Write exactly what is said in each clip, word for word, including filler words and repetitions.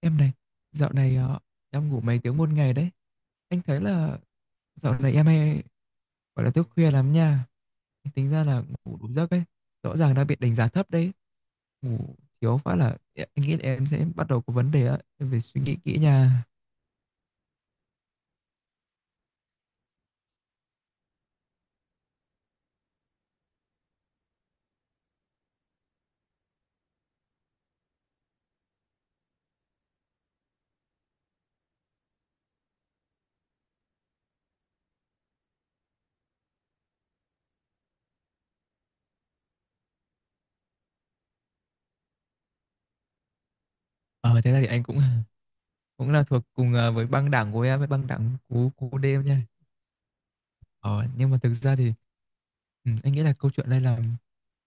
Em này, dạo này ờ, em ngủ mấy tiếng một ngày đấy. Anh thấy là dạo này em hay gọi là thức khuya lắm nha. Tính ra là ngủ đủ giấc ấy. Rõ ràng đã bị đánh giá thấp đấy. Ngủ thiếu phát là anh nghĩ là em sẽ bắt đầu có vấn đề á. Em phải suy nghĩ kỹ nha. Ờ thế là thì anh cũng cũng là thuộc cùng ờ, với băng đảng của em, với băng đảng cú cú đêm nha. Ờ, nhưng mà thực ra thì ừ, anh nghĩ là câu chuyện đây là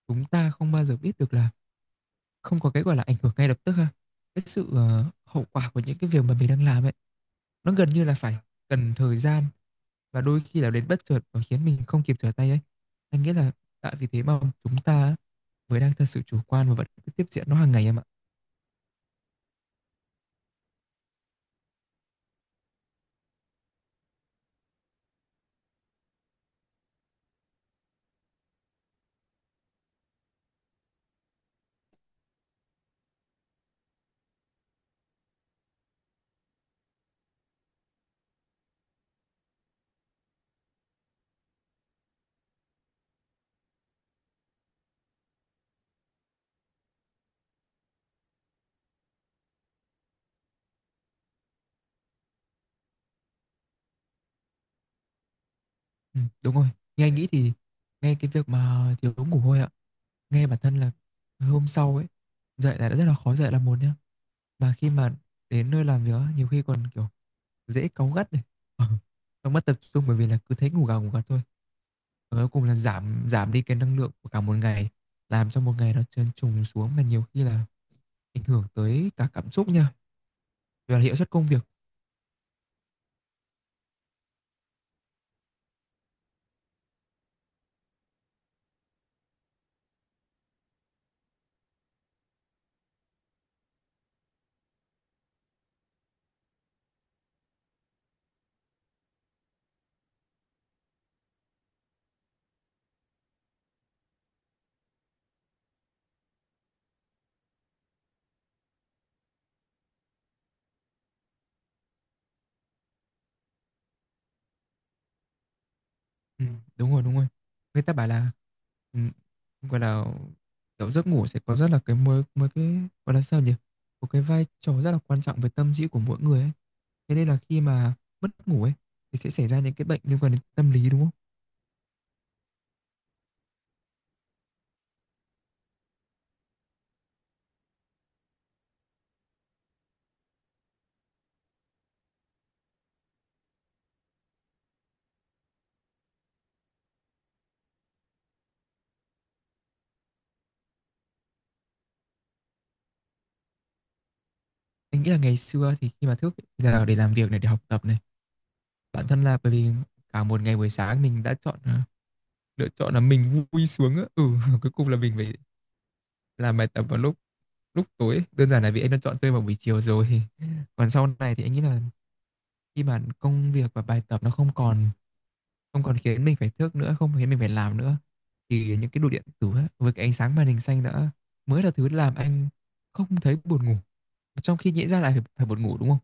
chúng ta không bao giờ biết được là không có cái, gọi là, ảnh hưởng ngay lập tức ha. Cái sự, ờ, hậu quả của những cái việc mà mình đang làm ấy, nó gần như là phải cần thời gian, và đôi khi là đến bất chợt và khiến mình không kịp trở tay ấy. Anh nghĩ là tại vì thế mà chúng ta mới đang thật sự chủ quan và vẫn cứ tiếp diễn nó hàng ngày em ạ. Ừm, đúng rồi, nghe anh nghĩ thì nghe cái việc mà thiếu ngủ thôi ạ, nghe bản thân là hôm sau ấy, dậy là đã rất là khó dậy là một nhá, mà khi mà đến nơi làm việc á, nhiều khi còn, kiểu, dễ cáu gắt này, ờ, xong mất tập trung bởi vì là cứ thấy ngủ gà ngủ gật thôi. Và cuối cùng là giảm giảm đi cái năng lượng của cả một ngày, làm cho một ngày nó trơn trùng xuống mà nhiều khi là ảnh hưởng tới cả cảm xúc nha, và hiệu suất công việc. Ừm, đúng rồi, đúng rồi. Người ta bảo là, ừm, gọi là, kiểu, giấc ngủ sẽ có rất là cái mối mối cái, gọi là, sao nhỉ, một cái vai trò rất là quan trọng về tâm trí của mỗi người ấy. Thế nên là khi mà mất ngủ ấy, thì sẽ xảy ra những cái bệnh liên quan đến tâm lý, đúng không? Anh nghĩ là ngày xưa thì khi mà thức thì là để làm việc này, để học tập này, bản thân là bởi vì cả một ngày buổi sáng mình đã chọn, ờ, lựa chọn là mình vui xuống á. Ừ, cuối cùng là mình phải làm bài tập vào lúc lúc tối. Đơn giản là vì anh đã chọn chơi vào buổi chiều rồi. Còn sau này thì anh nghĩ là khi mà công việc và bài tập nó không còn không còn khiến mình phải thức nữa, không khiến mình phải làm nữa, thì những cái đồ điện tử á, với cái ánh sáng màn hình xanh đã mới là thứ làm anh không thấy buồn ngủ. Trong khi nhẽ ra lại phải, phải buồn ngủ đúng không?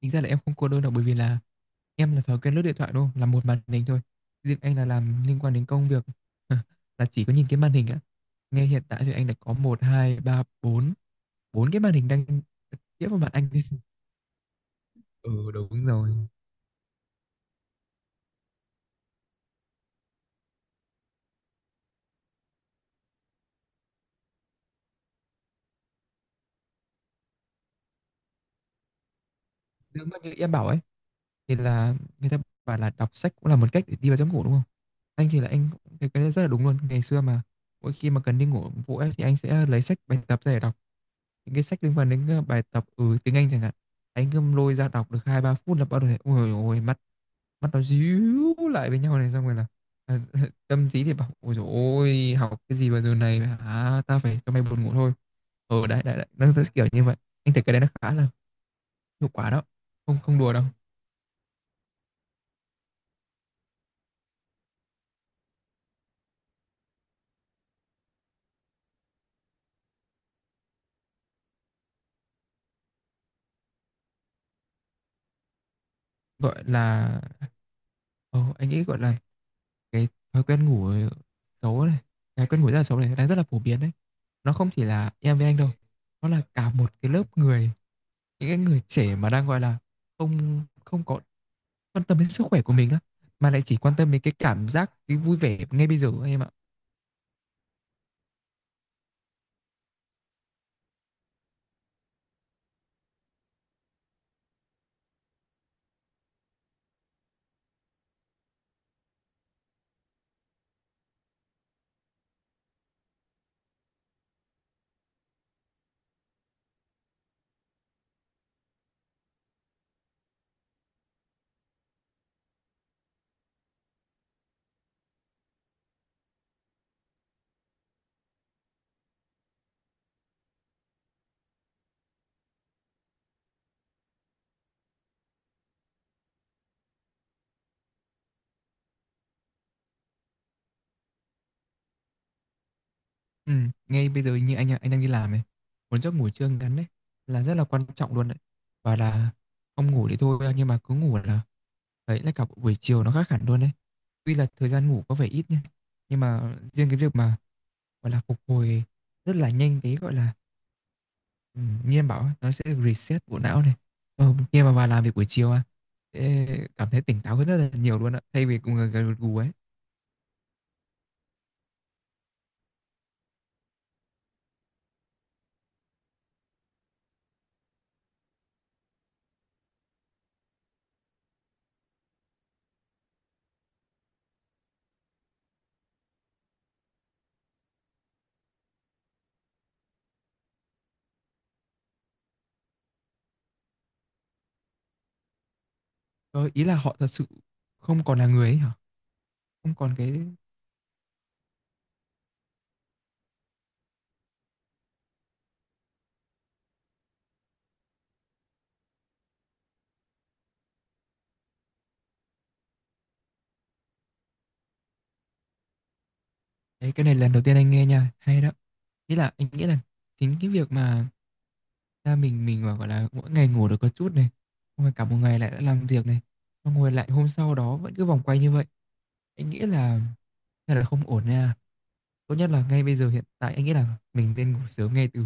Tính ra là em không cô đơn đâu bởi vì là em là thói quen lướt điện thoại đúng không? Là một màn hình thôi. Riêng anh là làm liên quan đến công việc là chỉ có nhìn cái màn hình á. Ngay hiện tại thì anh đã có một hai ba bốn bốn cái màn hình đang chiếu vào mặt anh. Ừ, đúng rồi. Giống như em bảo ấy, thì là người ta bảo là đọc sách cũng là một cách để đi vào giấc ngủ đúng không. Anh thì là anh cũng thấy cái đấy rất là đúng luôn. Ngày xưa mà mỗi khi mà cần đi ngủ vội ấy, thì anh sẽ lấy sách bài tập ra để đọc, những cái sách liên quan đến ờ, bài tập ừ, tiếng Anh chẳng hạn. Anh cứ lôi ra đọc được hai ba phút là bắt đầu thấy ôi ôi mắt mắt nó díu lại với nhau này, xong rồi là à, tâm trí thì bảo ôi dồi ôi học cái gì vào giờ này hả, ta phải cho mày buồn ngủ thôi, ở đấy đấy đấy nó sẽ kiểu như vậy. Anh thấy cái đấy nó khá là hiệu quả đó, không không đùa đâu. gọi là ờ, anh nghĩ gọi là cái thói quen ngủ xấu này cái quen ngủ rất là xấu này đang rất là phổ biến đấy, nó không chỉ là em với anh đâu, nó là cả một cái lớp người, những cái người trẻ mà đang gọi là không không có quan tâm đến sức khỏe của mình á, mà lại chỉ quan tâm đến cái cảm giác, cái vui vẻ ngay bây giờ anh em ạ. Ừ, ngay bây giờ như anh anh đang đi làm này, một giấc ngủ trưa ngắn đấy là rất là quan trọng luôn đấy, và là không ngủ thì thôi, nhưng mà cứ ngủ là đấy là cả buổi chiều nó khác hẳn luôn đấy. Tuy là thời gian ngủ có vẻ ít nha, nhưng mà riêng cái việc mà gọi là phục hồi rất là nhanh, cái gọi là, ừ, như em bảo ấy, nó sẽ reset bộ não này, ờ, khi mà vào làm việc buổi chiều à sẽ cảm thấy tỉnh táo hơn rất là nhiều luôn ạ, thay vì cùng gật gù ấy. Ờ, ý là họ thật sự không còn là người ấy hả? Không còn cái đấy, cái này lần đầu tiên anh nghe nha, hay đó. Ý là anh nghĩ là chính cái việc mà ra mình mình mà gọi là mỗi ngày ngủ được có chút này, xong rồi cả một ngày lại đã làm việc này, xong rồi lại hôm sau đó vẫn cứ vòng quay như vậy. Anh nghĩ là hay là không ổn nha. Tốt nhất là ngay bây giờ hiện tại anh nghĩ là mình nên ngủ sớm ngay từ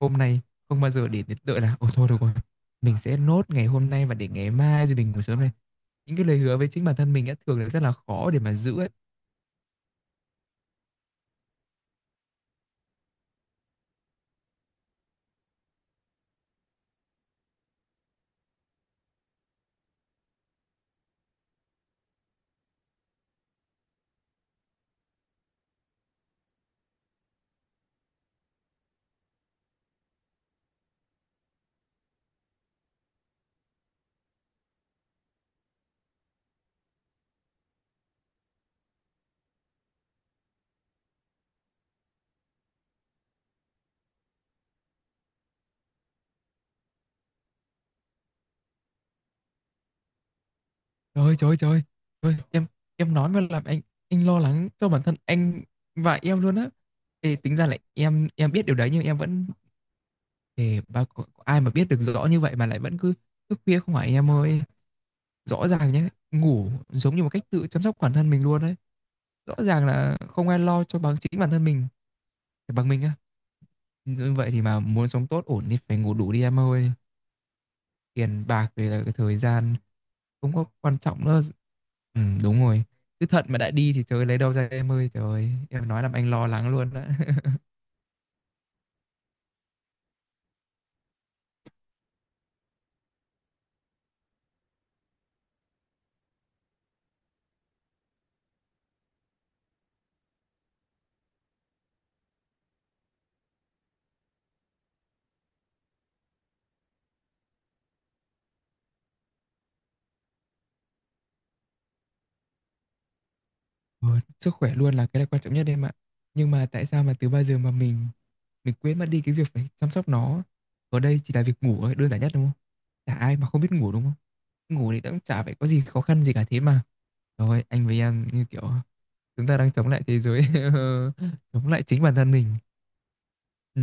hôm nay, không bao giờ để đến đợi là ồ thôi được rồi. Mình sẽ nốt ngày hôm nay và để ngày mai rồi mình ngủ sớm này. Những cái lời hứa với chính bản thân mình đã thường là rất là khó để mà giữ ấy. Trời ơi, trời trời Trời em em nói mà làm anh anh lo lắng cho bản thân anh và em luôn á. Thì tính ra là em em biết điều đấy nhưng em vẫn thì ba có, có ai mà biết được rõ như vậy mà lại vẫn cứ thức khuya không, phải em ơi. Rõ ràng nhé, ngủ giống như một cách tự chăm sóc bản thân mình luôn đấy. Rõ ràng là không ai lo cho bằng chính bản thân mình, phải bằng mình á. Như vậy thì mà muốn sống tốt ổn thì phải ngủ đủ đi em ơi. Tiền bạc về là cái thời gian cũng có quan trọng nữa. Ừ, đúng rồi. Cứ thận mà đã đi thì trời ơi, lấy đâu ra em ơi, trời ơi, em nói làm anh lo lắng luôn đó. Ừ, sức khỏe luôn là cái là quan trọng nhất em ạ. Nhưng mà tại sao mà từ bao giờ mà mình mình quên mất đi cái việc phải chăm sóc nó. Ở đây chỉ là việc ngủ thôi, đơn giản nhất đúng không? Chả ai mà không biết ngủ đúng không? Ngủ thì cũng chả phải có gì khó khăn gì cả thế mà. Rồi, anh với em như kiểu chúng ta đang chống lại thế giới, chống lại chính bản thân mình. Ừ.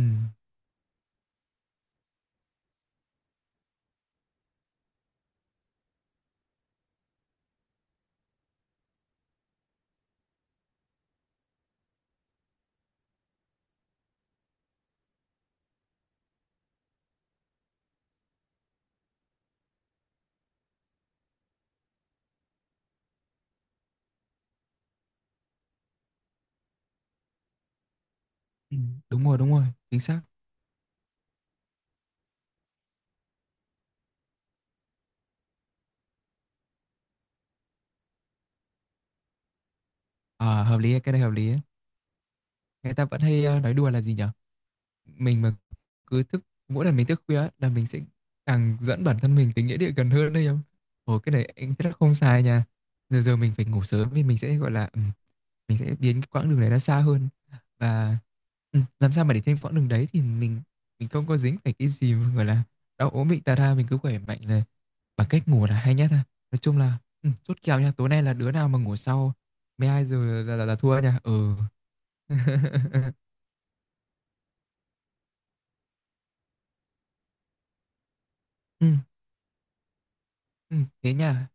Ừ, đúng rồi, đúng rồi, chính xác. Ờ, hợp lý, ấy, cái này hợp lý ấy. Người ta vẫn hay ờ, nói đùa là gì nhỉ? Mình mà cứ thức mỗi lần mình thức khuya á, là mình sẽ càng dẫn bản thân mình tới nghĩa địa gần hơn đấy em. Ồ, cái này anh rất không sai nha. Giờ giờ mình phải ngủ sớm thì mình sẽ, gọi là, ừm, mình sẽ biến cái quãng đường này nó xa hơn. Và, ừm, làm sao mà để trên quãng đường đấy thì mình mình không có dính phải cái gì mà, gọi là, đau ốm bệnh tà ra, mình cứ khỏe mạnh là bằng cách ngủ là hay nhất ha. Nói chung là, ừm, chốt kèo nha, tối nay là đứa nào mà ngủ sau mười hai giờ là là là là thua nha. Ừ. Ừm, ừm, thế nha.